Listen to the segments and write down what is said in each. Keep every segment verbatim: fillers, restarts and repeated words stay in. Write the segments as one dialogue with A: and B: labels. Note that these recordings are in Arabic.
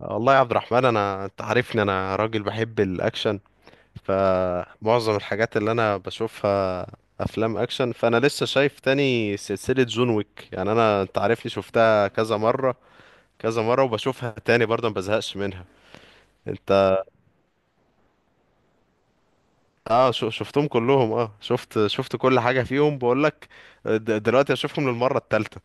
A: والله يا عبد الرحمن، انا انت عارفني، انا راجل بحب الاكشن. فمعظم الحاجات اللي انا بشوفها افلام اكشن. فانا لسه شايف تاني سلسلة جون ويك. يعني انا انت عارفني، شفتها كذا مرة كذا مرة، وبشوفها تاني برضه ما بزهقش منها. انت. اه، شو- شفتهم كلهم. اه، شفت شفت كل حاجة فيهم. بقول لك دلوقتي اشوفهم للمرة الثالثة.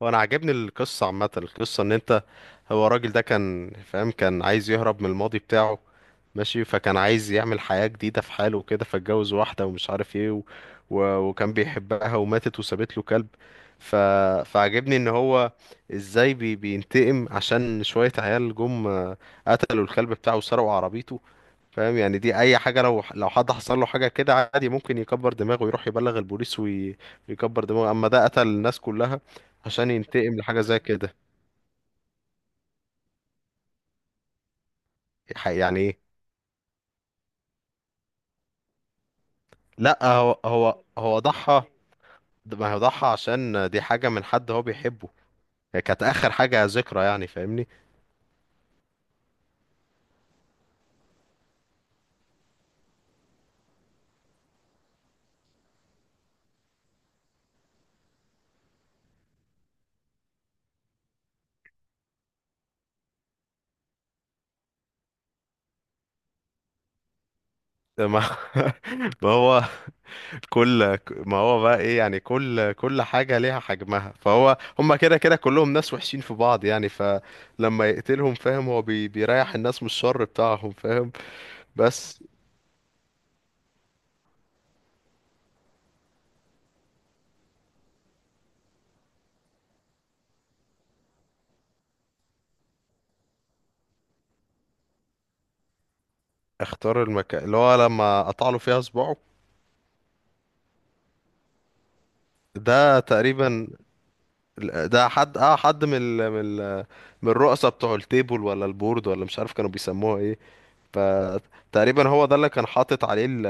A: وانا عاجبني القصة عامة. القصة ان انت، هو الراجل ده كان فاهم، كان عايز يهرب من الماضي بتاعه. ماشي، فكان عايز يعمل حياة جديدة في حاله وكده، فاتجوز واحدة ومش عارف ايه و... و... وكان بيحبها وماتت وسابت له كلب. ف... فعجبني ان هو ازاي بي... بينتقم عشان شوية عيال جم قتلوا الكلب بتاعه وسرقوا عربيته. فاهم؟ يعني دي اي حاجة، لو لو حد حصل له حاجة كده عادي ممكن يكبر دماغه ويروح يبلغ البوليس ويكبر، وي... يكبر دماغه، اما ده قتل الناس كلها عشان ينتقم لحاجة زي كده. ح- يعني ايه؟ لا، هو هو هو ضحى. ده- ما هو ضحى عشان دي حاجة من حد هو بيحبه، هي كانت آخر حاجة ذكرى، يعني فاهمني. ما ما هو كل ما هو بقى إيه؟ يعني كل كل حاجة ليها حجمها. فهو هما كده كده كلهم ناس وحشين في بعض. يعني فلما يقتلهم، فاهم، هو بي بيريح الناس من الشر بتاعهم، فاهم؟ بس اختار المكان اللي هو لما قطع له فيها صباعه. ده تقريبا، ده حد اه حد من ال... من ال... من الرؤساء بتوع التيبل ولا البورد، ولا مش عارف كانوا بيسموها ايه. فتقريبا هو ده اللي كان حاطط عليه ال-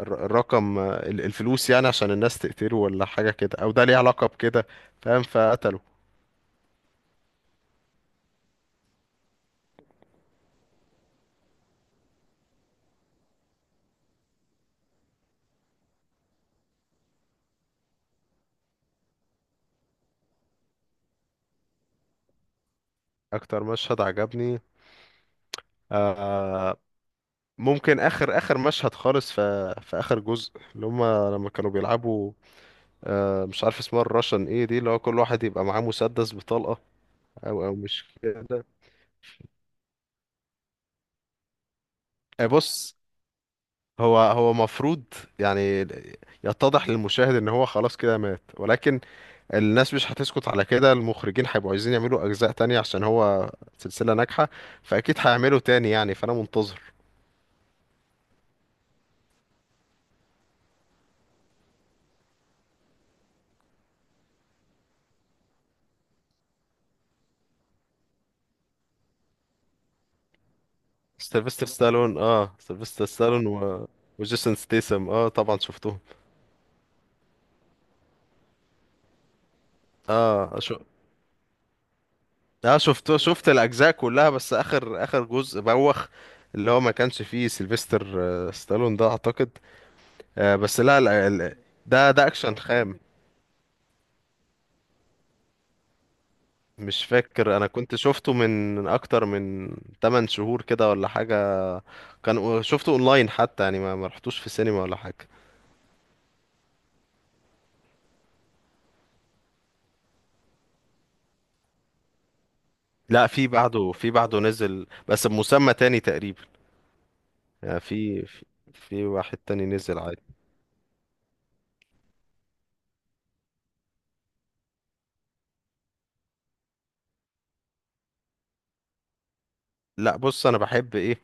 A: الر- الرقم ال- الفلوس، يعني عشان الناس تقتله ولا حاجة كده، او ده ليه علاقة بكده، فاهم؟ فقتله. اكتر مشهد عجبني، آه، ممكن اخر اخر مشهد خالص في في اخر جزء، اللي هم لما كانوا بيلعبوا، آه، مش عارف اسمها الراشن ايه دي، اللي هو كل واحد يبقى معاه مسدس بطلقة، او او مش كده. آه، بص، هو هو مفروض يعني يتضح للمشاهد ان هو خلاص كده مات، ولكن الناس مش هتسكت على كده. المخرجين هيبقوا عايزين يعملوا اجزاء تانية عشان هو سلسلة ناجحة، فاكيد هيعملوا تاني. يعني فانا منتظر. سيلفستر ستالون اه سيلفستر ستالون و... وجيسون ستيسم، اه طبعا شفتهم. اه، شو... اه، شفت شفت الاجزاء كلها. بس اخر اخر جزء بوخ اللي هو ما كانش فيه سيلفستر آه، ستالون ده اعتقد. آه بس لا، لا، ال- ده ده اكشن خام. مش فاكر، انا كنت شفته من اكتر من تمن شهور كده ولا حاجة. كان شفته اونلاين حتى، يعني ما ما رحتوش في السينما ولا حاجه. لا، في بعده في بعده نزل بس بمسمى تاني تقريبا. يعني في في في واحد تاني نزل عادي. لا بص، انا بحب ايه،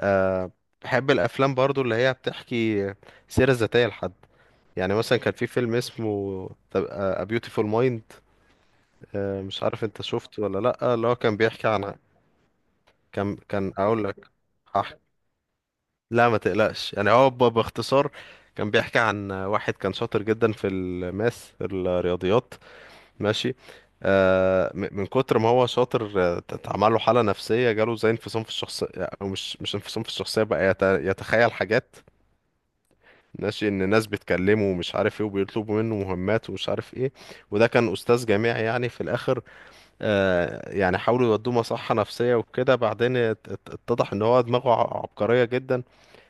A: أه بحب الافلام برضو اللي هي بتحكي سيره ذاتيه لحد. يعني مثلا كان في فيلم اسمه A Beautiful Mind. أه مش عارف انت شفته ولا لا، اللي هو كان بيحكي عن، كان كان اقول لك، لا ما تقلقش، يعني هو ب- باختصار كان بيحكي عن واحد كان شاطر جدا في الماس الرياضيات. ماشي، آه م- من كتر ما هو شاطر، آه، ت- اتعمل له حالة نفسية، جاله زي انفصام في الشخصية. او مش مش انفصام في الشخصية بقى، يت- يتخيل حاجات، ماشي ان ناس بتكلمه ومش عارف ايه، وبيطلبوا منه مهمات ومش عارف ايه. وده كان استاذ جامعي يعني، في الاخر، آه يعني حاولوا يودوه مصحة نفسية وكده، بعدين ات- ات- اتضح ان هو دماغه ع- عبقرية جدا،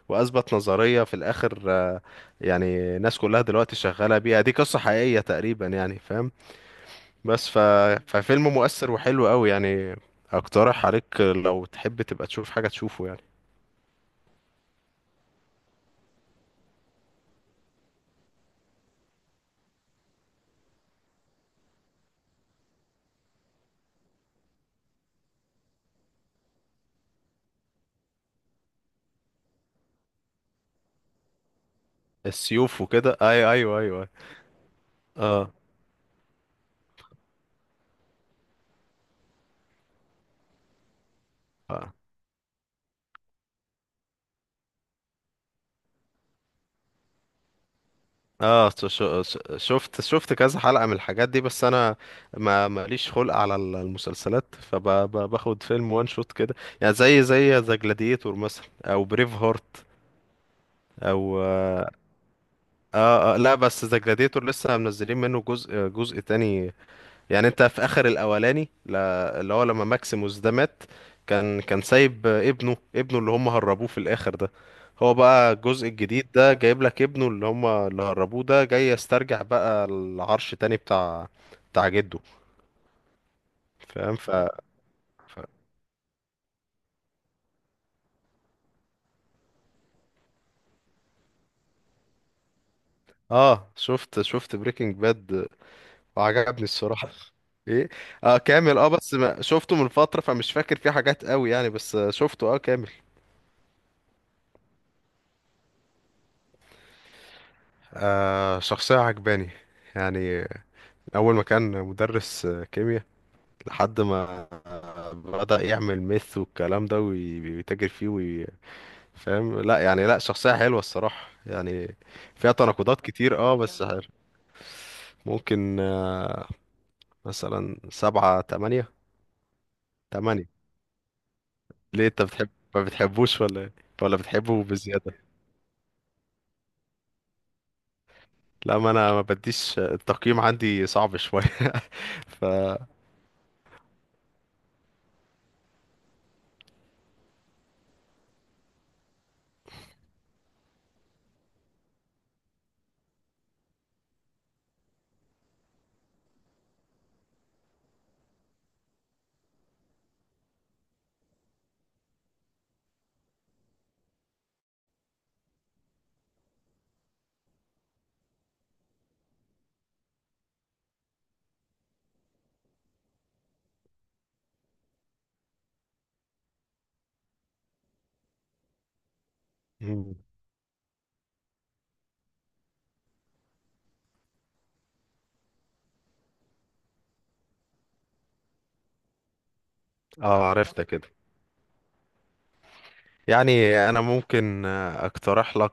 A: واثبت نظريه في الاخر. آه، يعني الناس كلها دلوقتي شغاله بيها، دي قصه حقيقيه تقريبا يعني، فاهم؟ بس ف... ففيلم مؤثر وحلو قوي يعني. اقترح عليك لو تحب تبقى تشوف حاجه تشوفه يعني. السيوف وكده؟ اي ايوه، ايوه. اه، اه. آه، ش- ش- شفت شفت كذا حلقه من الحاجات دي، بس انا ما ماليش خلق على ال- المسلسلات. فباخد فيلم وان شوت كده، يعني زي زي ذا جلاديتور مثلا او بريف هارت. او اه، اه. لا بس ذا جلاديتور لسه منزلين منه جزء جزء تاني. يعني انت في اخر الاولاني، لا اللي هو لما ماكسيموس ده مات، كان كان سايب ابنه ابنه اللي هم هربوه في الاخر ده. هو بقى الجزء الجديد ده جايب لك ابنه اللي هم اللي هربوه ده، جاي يسترجع بقى العرش تاني بتاع بتاع جده. فاهم؟ ف... ف... اه، شفت شفت بريكنج باد وعجبني الصراحة. ايه؟ اه كامل. اه بس ما شفته من فترة، فمش فاكر فيه حاجات قوي يعني، بس شفته اه كامل. آه شخصية عجباني يعني. أول ما كان مدرس آه، كيمياء، لحد ما آه، بدأ يعمل ميث والكلام ده وي- ويتاجر فيه وي- فاهم. لا يعني، لا شخصية حلوة الصراحة يعني، فيها تناقضات كتير، اه بس حلو. ممكن، آه مثلا سبعة تمانية. تمانية. ليه، انت بتحب؟ ما بتحبوش ولا إيه؟ ولا بتحبه بزيادة؟ لا، ما انا ما بديش التقييم، عندي صعب شوية. ف مم. اه عرفتك. يعني انا ممكن آه، اقترح لك،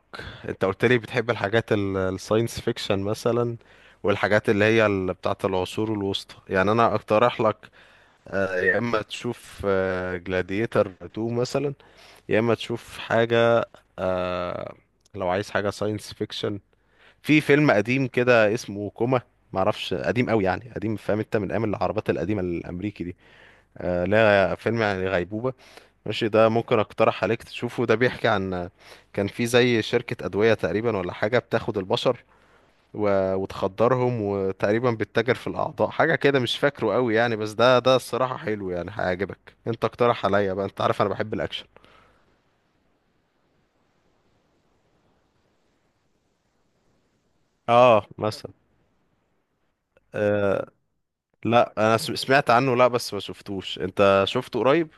A: انت قلت لي بتحب الحاجات ال- الساينس فيكشن مثلا، والحاجات اللي هي ال- بتاعه العصور الوسطى. يعني انا اقترح لك آه، يا اما تشوف جلاديتر تو مثلا، يا اما تشوف حاجه، آه، لو عايز حاجه ساينس فيكشن، في فيلم قديم كده اسمه كوما. معرفش قديم قوي يعني، قديم فاهم انت، من ايام العربات القديمه الامريكي دي. آه، لا فيلم يعني غيبوبه. ماشي، ده ممكن اقترح عليك تشوفه، ده بيحكي عن كان في زي شركة أدوية تقريبا ولا حاجة بتاخد البشر و... وتخدرهم، وتقريبا بتتاجر في الأعضاء، حاجة كده مش فاكره قوي يعني، بس ده ده الصراحة حلو يعني، هيعجبك. انت اقترح عليا بقى، انت عارف انا بحب الأكشن. اه مثلا. آه لا، انا سم- سمعت عنه، لا بس ما شفتوش. انت شفته قريب؟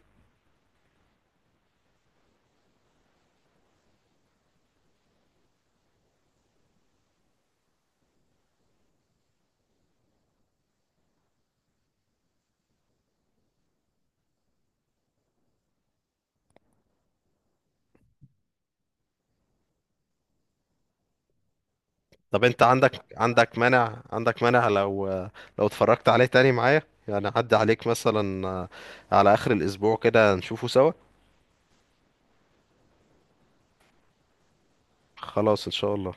A: طب انت عندك عندك مانع عندك مانع لو لو اتفرجت عليه تاني معايا، يعني عدى عليك مثلا آه، على آخر الأسبوع كده نشوفه سوا. خلاص ان شاء الله.